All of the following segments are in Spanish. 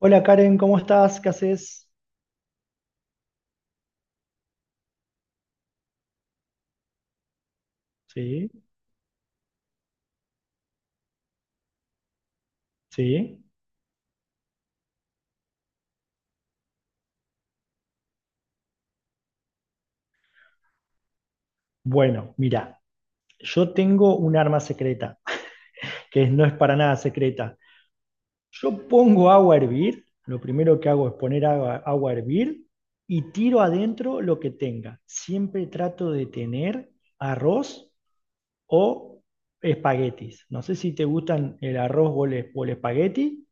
Hola Karen, ¿cómo estás? ¿Qué haces? Sí, sí. Bueno, mira, yo tengo un arma secreta, que no es para nada secreta. Yo pongo agua a hervir, lo primero que hago es poner agua, agua a hervir, y tiro adentro lo que tenga. Siempre trato de tener arroz o espaguetis. No sé si te gustan el arroz o el espagueti.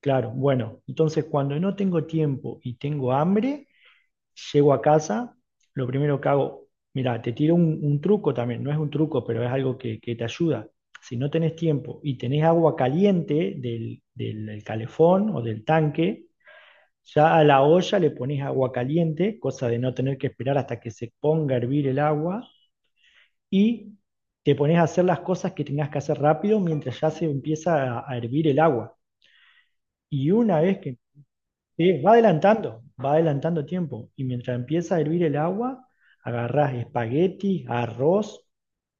Claro, bueno, entonces cuando no tengo tiempo y tengo hambre. Llego a casa, lo primero que hago, mira, te tiro un truco también, no es un truco, pero es algo que te ayuda. Si no tenés tiempo y tenés agua caliente del calefón o del tanque, ya a la olla le pones agua caliente, cosa de no tener que esperar hasta que se ponga a hervir el agua, y te pones a hacer las cosas que tengas que hacer rápido mientras ya se empieza a hervir el agua. Y una vez que sí, va adelantando tiempo. Y mientras empieza a hervir el agua, agarrás espagueti, arroz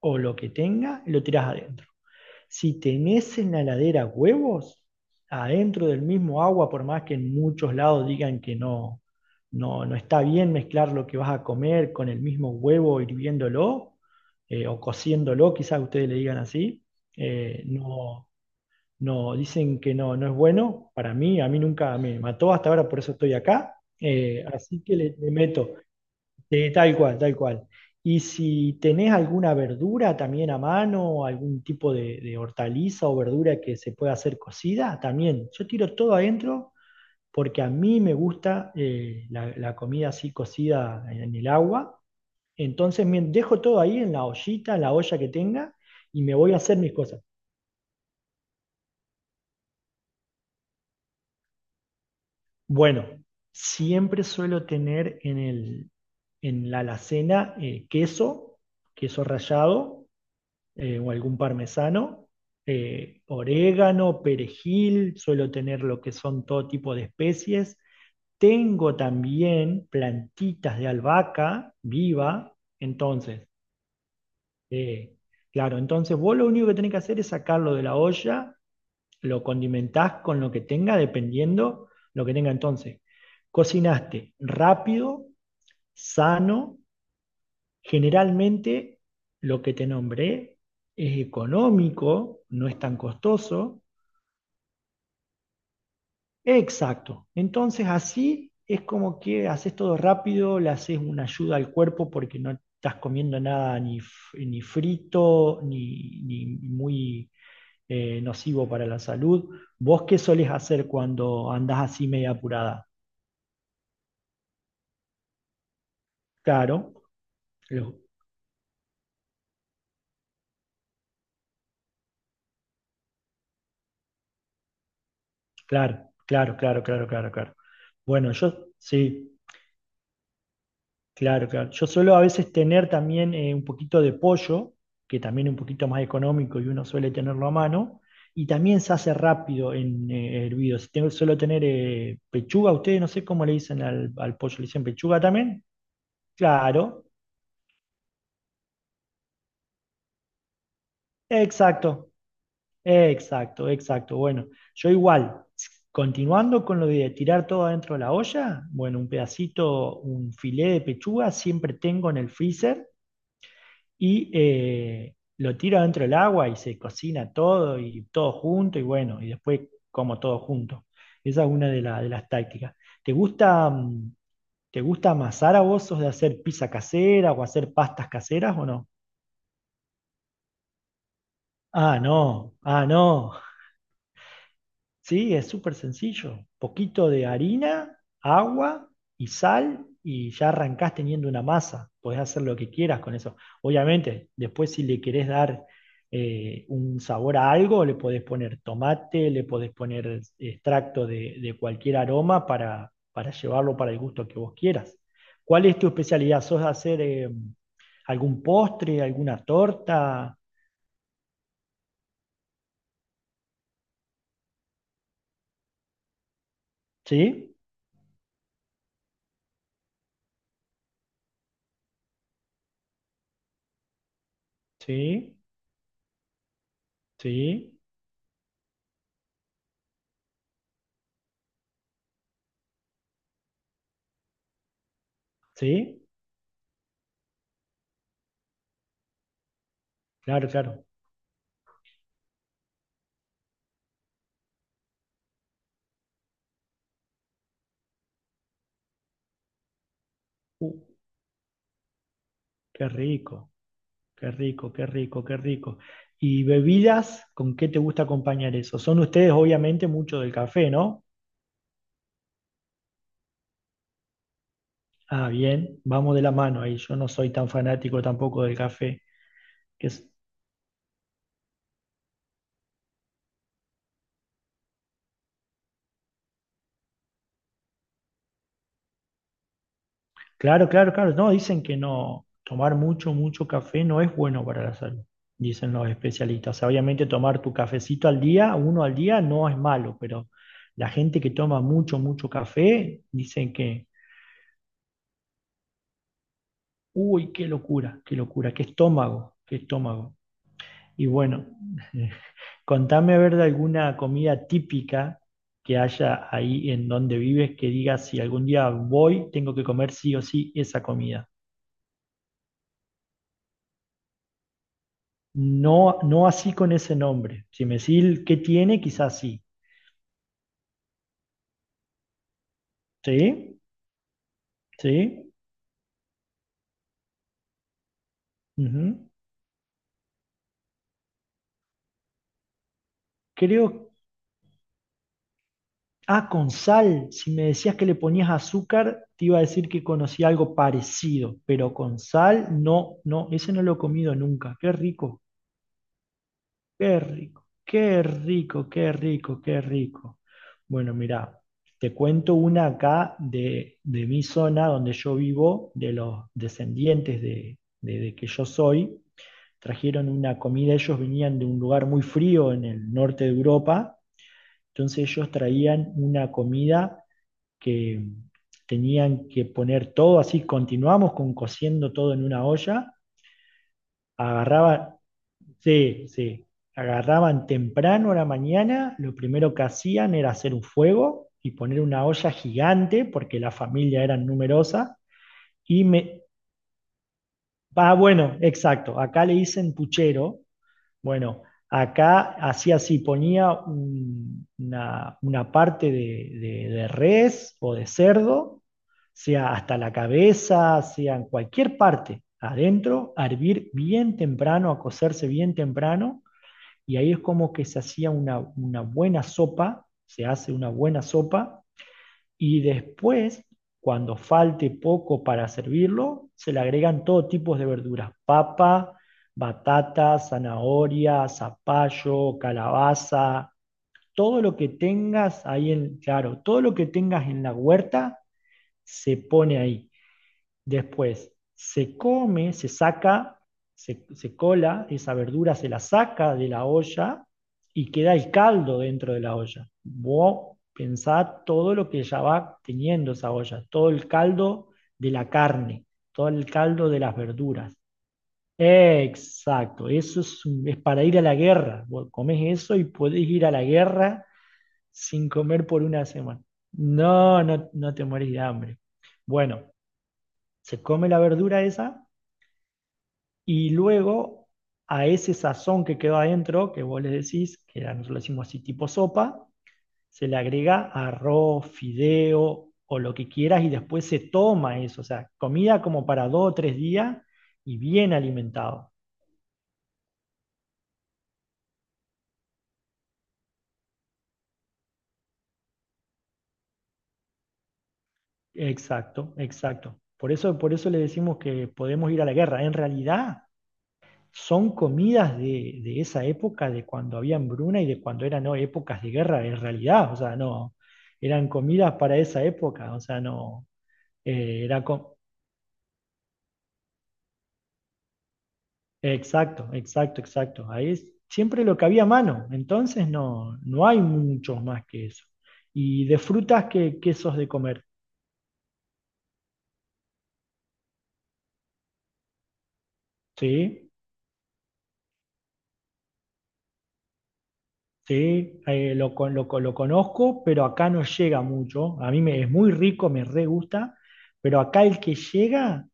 o lo que tenga y lo tirás adentro. Si tenés en la heladera huevos, adentro del mismo agua, por más que en muchos lados digan que no, no, no está bien mezclar lo que vas a comer con el mismo huevo hirviéndolo o cociéndolo, quizás ustedes le digan así. No, no, dicen que no, no es bueno para mí, a mí nunca me mató hasta ahora, por eso estoy acá. Así que le meto, tal cual, tal cual. Y si tenés alguna verdura también a mano, algún tipo de hortaliza o verdura que se pueda hacer cocida, también. Yo tiro todo adentro porque a mí me gusta la comida así cocida en el agua. Entonces me dejo todo ahí en la ollita, en la olla que tenga, y me voy a hacer mis cosas. Bueno, siempre suelo tener en el, en la alacena queso, queso rallado o algún parmesano, orégano, perejil, suelo tener lo que son todo tipo de especies. Tengo también plantitas de albahaca viva, entonces, eh, claro, entonces vos lo único que tenés que hacer es sacarlo de la olla, lo condimentás con lo que tenga, dependiendo lo que tenga entonces. Cocinaste rápido, sano, generalmente lo que te nombré es económico, no es tan costoso. Exacto. Entonces así es como que haces todo rápido, le haces una ayuda al cuerpo porque no estás comiendo nada ni, ni frito, ni muy nocivo para la salud. ¿Vos qué solés hacer cuando andás así media apurada? Claro, lo- claro, claro, claro, claro, claro, claro. Bueno, yo sí, claro, claro. Yo suelo a veces tener también un poquito de pollo, que también es un poquito más económico y uno suele tenerlo a mano, y también se hace rápido en hervido. Si tengo, suelo tener pechuga, ustedes no sé cómo le dicen al, al pollo, ¿le dicen pechuga también? Claro, exacto. Exacto, exacto. Bueno, yo igual, continuando con lo de tirar todo adentro de la olla, bueno, un pedacito, un filé de pechuga siempre tengo en el freezer y lo tiro adentro del agua y se cocina todo y todo junto y bueno, y después como todo junto. Esa es una de, de las tácticas. ¿Te gusta, te gusta amasar a vos? ¿Sos de hacer pizza casera o hacer pastas caseras o no? Ah, no, ah, no. Sí, es súper sencillo. Poquito de harina, agua y sal y ya arrancás teniendo una masa. Podés hacer lo que quieras con eso. Obviamente, después si le querés dar un sabor a algo, le podés poner tomate, le podés poner extracto de cualquier aroma para llevarlo para el gusto que vos quieras. ¿Cuál es tu especialidad? ¿Sos de hacer algún postre, alguna torta? Sí, sí, sí, sí, claro, claro. Uh, qué rico, qué rico, qué rico, qué rico. ¿Y bebidas? ¿Con qué te gusta acompañar eso? Son ustedes obviamente mucho del café, ¿no? Ah, bien, vamos de la mano ahí. Yo no soy tan fanático tampoco del café. Que es- Claro, claro, claro. No, dicen que no, tomar mucho, mucho café no es bueno para la salud, dicen los especialistas. O sea, obviamente tomar tu cafecito al día, uno al día, no es malo, pero la gente que toma mucho, mucho café, dicen que, uy, qué locura, qué locura, qué estómago, qué estómago. Y bueno, contame a ver de alguna comida típica que haya ahí en donde vives que digas si algún día voy, tengo que comer sí o sí esa comida. No, no así con ese nombre. Si me decís el qué tiene, quizás sí. ¿Sí? ¿Sí? Ujú. Creo, ah, con sal. Si me decías que le ponías azúcar, te iba a decir que conocía algo parecido, pero con sal, no, no, ese no lo he comido nunca. Qué rico. Qué rico, qué rico, qué rico, qué rico. Bueno, mirá, te cuento una acá de mi zona donde yo vivo, de los descendientes de, de que yo soy. Trajeron una comida, ellos venían de un lugar muy frío en el norte de Europa, entonces ellos traían una comida que tenían que poner todo así, continuamos con cociendo todo en una olla, agarraba sí, sí. Agarraban temprano a la mañana, lo primero que hacían era hacer un fuego y poner una olla gigante, porque la familia era numerosa, y me... Ah, bueno, exacto, acá le dicen puchero. Bueno, acá hacía así, ponía una parte de, de res o de cerdo, sea hasta la cabeza, sea en cualquier parte, adentro, a hervir bien temprano, a cocerse bien temprano y ahí es como que se hacía una buena sopa, se hace una buena sopa y después, cuando falte poco para servirlo, se le agregan todo tipo de verduras, papa, batata, zanahoria, zapallo, calabaza, todo lo que tengas ahí en, claro, todo lo que tengas en la huerta se pone ahí. Después se come, se saca, se cola, esa verdura se la saca de la olla y queda el caldo dentro de la olla. Vos pensá todo lo que ya va teniendo esa olla, todo el caldo de la carne, todo el caldo de las verduras. Exacto, eso es para ir a la guerra. Vos comés eso y podés ir a la guerra sin comer por una semana. No, no, no te morís de hambre. Bueno, se come la verdura esa y luego a ese sazón que quedó adentro, que vos le decís, que nosotros lo decimos así tipo sopa, se le agrega arroz, fideo o lo que quieras y después se toma eso. O sea, comida como para dos o tres días y bien alimentado. Exacto, exacto. Por eso le decimos que podemos ir a la guerra. En realidad son comidas de esa época, de cuando había hambruna y de cuando eran no, épocas de guerra, en realidad. O sea, no, eran comidas para esa época. O sea, no, Eh, era co- exacto, exacto, exacto. Ahí es siempre lo que había a mano. Entonces no, no hay muchos más que eso. Y de frutas, ¿qué, quesos de comer? Sí, sí, lo, lo, lo conozco, pero acá no llega mucho. A mí me, es muy rico, me re gusta, pero acá el que llega,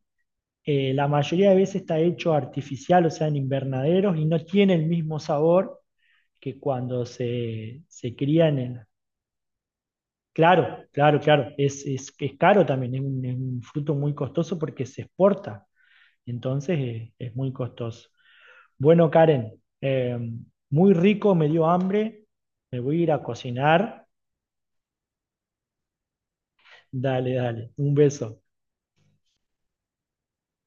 la mayoría de veces está hecho artificial, o sea, en invernaderos, y no tiene el mismo sabor que cuando se crían en, claro, claro, claro. Es caro también, es un fruto muy costoso porque se exporta. Entonces es, muy costoso. Bueno, Karen, eh, muy rico, me dio hambre. Me voy a ir a cocinar. Dale, dale. Un beso.